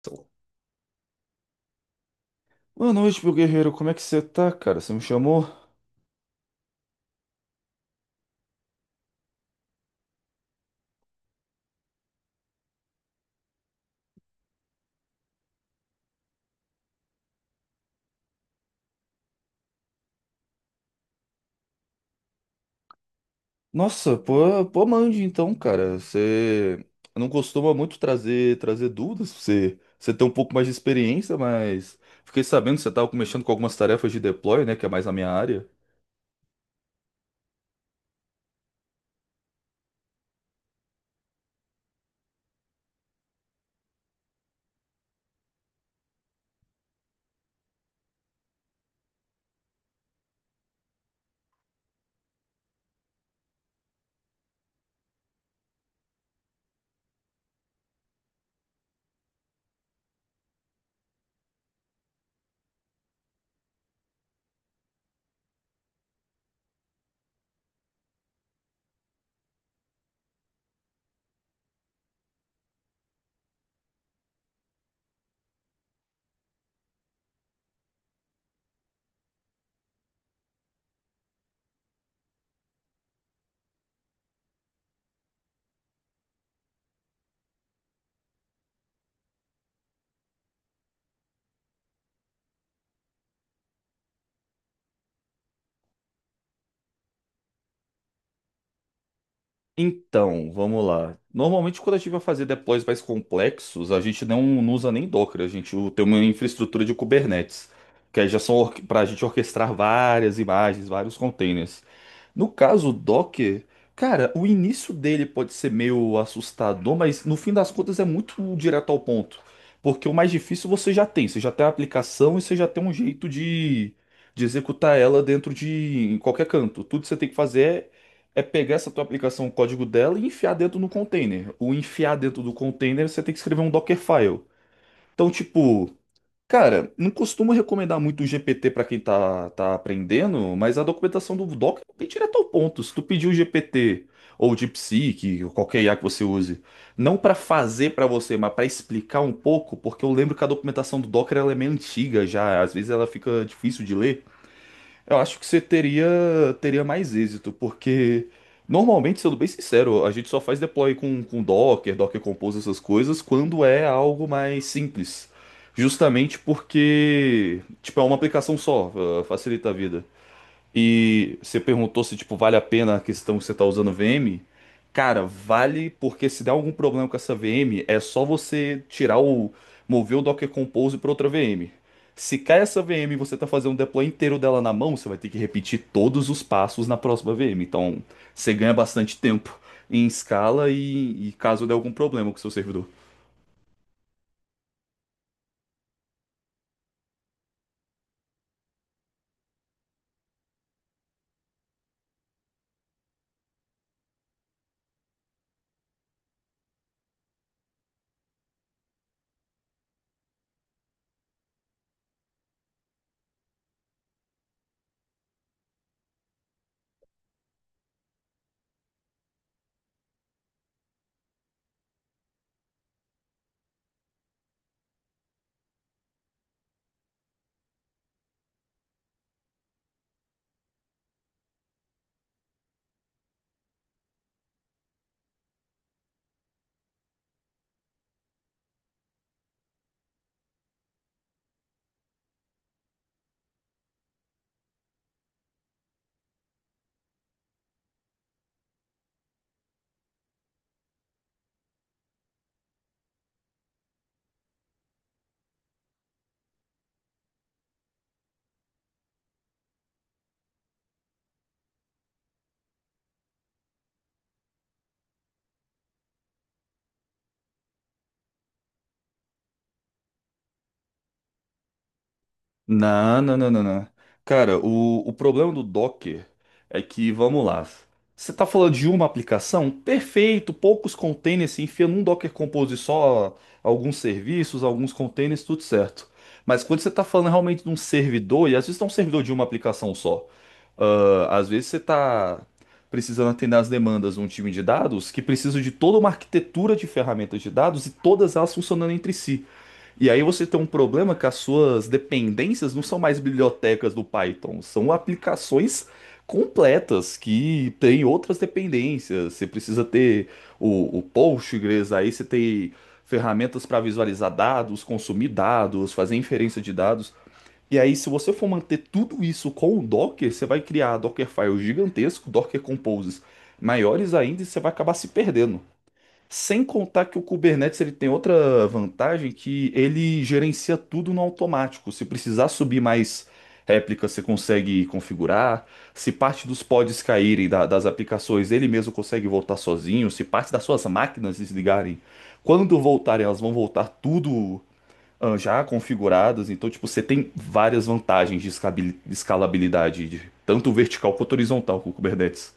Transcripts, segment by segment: Então, boa noite, meu guerreiro. Como é que você tá, cara? Você me chamou? Nossa, pô, mande então, cara. Você não costuma muito trazer dúvidas. Você tem um pouco mais de experiência, mas fiquei sabendo que você tava mexendo com algumas tarefas de deploy, né? Que é mais a minha área. Então, vamos lá. Normalmente, quando a gente vai fazer deploys mais complexos, a gente não usa nem Docker, tem uma infraestrutura de Kubernetes, que aí já são para a gente orquestrar várias imagens, vários containers. No caso, o Docker, cara, o início dele pode ser meio assustador, mas no fim das contas é muito direto ao ponto. Porque o mais difícil você já tem a aplicação e você já tem um jeito de executar ela dentro de em qualquer canto. Tudo que você tem que fazer é pegar essa tua aplicação, o código dela e enfiar dentro no container. O enfiar dentro do container, você tem que escrever um Dockerfile. Então, tipo, cara, não costumo recomendar muito o GPT para quem tá aprendendo, mas a documentação do Docker é bem direto ao ponto. Se tu pedir o GPT ou o DeepSeek, ou qualquer IA que você use, não para fazer para você, mas para explicar um pouco, porque eu lembro que a documentação do Docker ela é meio antiga já, às vezes ela fica difícil de ler. Eu acho que você teria, teria mais êxito, porque normalmente, sendo bem sincero, a gente só faz deploy com Docker, Docker Compose, essas coisas, quando é algo mais simples. Justamente porque, tipo, é uma aplicação só, facilita a vida. E você perguntou se, tipo, vale a pena a questão que você tá usando VM. Cara, vale porque se der algum problema com essa VM, é só você tirar o mover o Docker Compose para outra VM. Se cai essa VM e você tá fazendo um deploy inteiro dela na mão, você vai ter que repetir todos os passos na próxima VM. Então, você ganha bastante tempo em escala e caso der algum problema com o seu servidor. Não, não, não, não, não. Cara, o problema do Docker é que, vamos lá. Você tá falando de uma aplicação? Perfeito, poucos containers, se enfia num Docker Compose só alguns serviços, alguns containers, tudo certo. Mas quando você tá falando realmente de um servidor, e às vezes não é um servidor de uma aplicação só, ah, às vezes você tá precisando atender às demandas de um time de dados que precisa de toda uma arquitetura de ferramentas de dados e todas elas funcionando entre si. E aí você tem um problema que as suas dependências não são mais bibliotecas do Python, são aplicações completas que têm outras dependências. Você precisa ter o Postgres, aí você tem ferramentas para visualizar dados, consumir dados, fazer inferência de dados. E aí, se você for manter tudo isso com o Docker, você vai criar Dockerfiles gigantesco, Docker Composes maiores ainda, e você vai acabar se perdendo. Sem contar que o Kubernetes ele tem outra vantagem que ele gerencia tudo no automático. Se precisar subir mais réplicas, você consegue configurar. Se parte dos pods das aplicações, ele mesmo consegue voltar sozinho. Se parte das suas máquinas desligarem, quando voltarem, elas vão voltar tudo já configuradas. Então, tipo, você tem várias vantagens de escalabilidade, de tanto vertical quanto horizontal com o Kubernetes.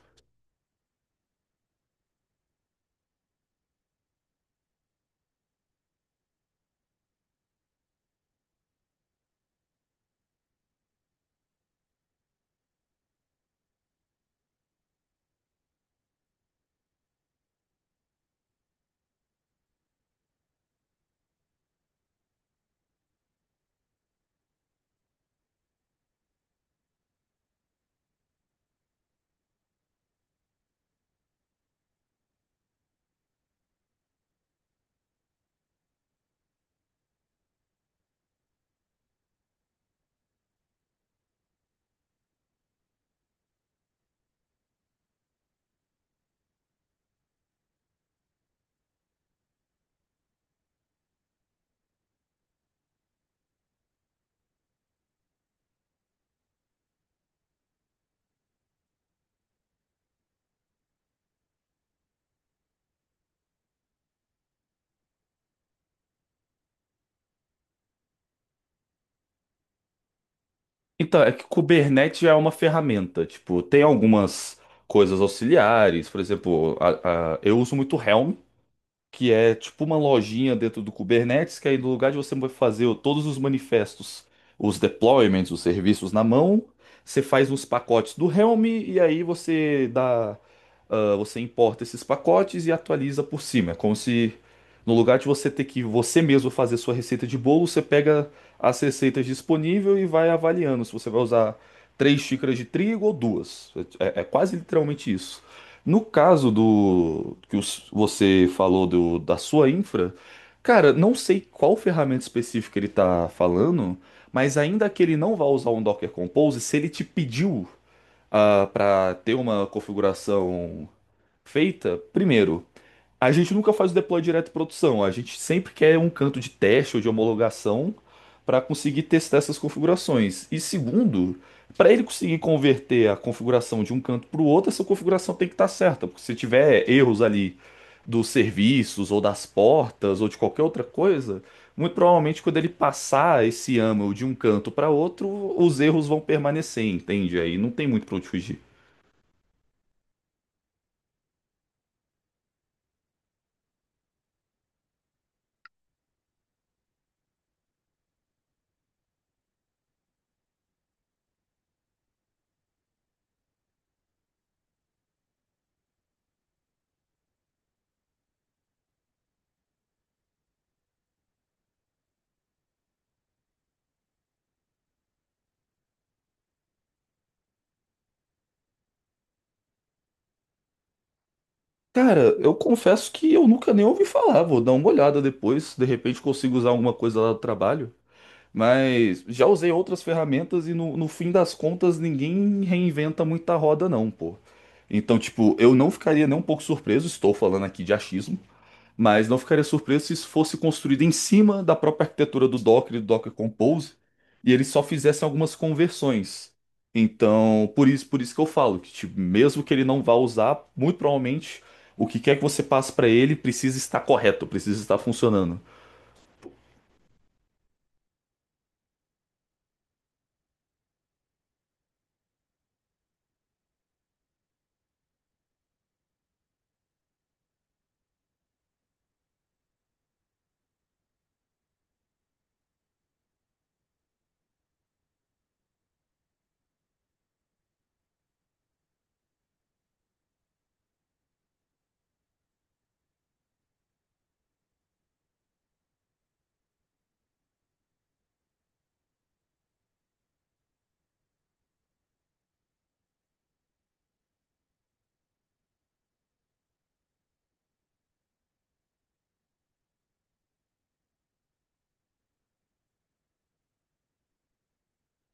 Então, é que Kubernetes é uma ferramenta. Tipo, tem algumas coisas auxiliares. Por exemplo, eu uso muito Helm, que é tipo uma lojinha dentro do Kubernetes, que aí no lugar de você fazer todos os manifestos, os deployments, os serviços na mão, você faz uns pacotes do Helm e aí você dá, ah, você importa esses pacotes e atualiza por cima. É como se no lugar de você ter que você mesmo fazer sua receita de bolo, você pega as receitas disponíveis e vai avaliando se você vai usar três xícaras de trigo ou duas. É, é quase literalmente isso. No caso do você falou do, da sua infra, cara, não sei qual ferramenta específica ele tá falando, mas ainda que ele não vá usar um Docker Compose, se ele te pediu ah, para ter uma configuração feita, primeiro, a gente nunca faz o deploy direto em produção, a gente sempre quer um canto de teste ou de homologação para conseguir testar essas configurações. E segundo, para ele conseguir converter a configuração de um canto para o outro, essa configuração tem que estar certa, porque se tiver erros ali dos serviços ou das portas ou de qualquer outra coisa, muito provavelmente quando ele passar esse YAML de um canto para outro, os erros vão permanecer, entende? Aí não tem muito para onde fugir. Cara, eu confesso que eu nunca nem ouvi falar. Vou dar uma olhada depois. De repente consigo usar alguma coisa lá do trabalho. Mas já usei outras ferramentas e no fim das contas ninguém reinventa muita roda, não, pô. Então, tipo, eu não ficaria nem um pouco surpreso. Estou falando aqui de achismo. Mas não ficaria surpreso se isso fosse construído em cima da própria arquitetura do Docker e do Docker Compose, e eles só fizessem algumas conversões. Então, por isso que eu falo que, tipo, mesmo que ele não vá usar, muito provavelmente o que quer que você passe para ele precisa estar correto, precisa estar funcionando,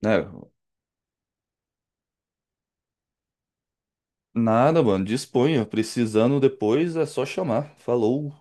né? Nada, mano, disponha. Precisando depois é só chamar. Falou.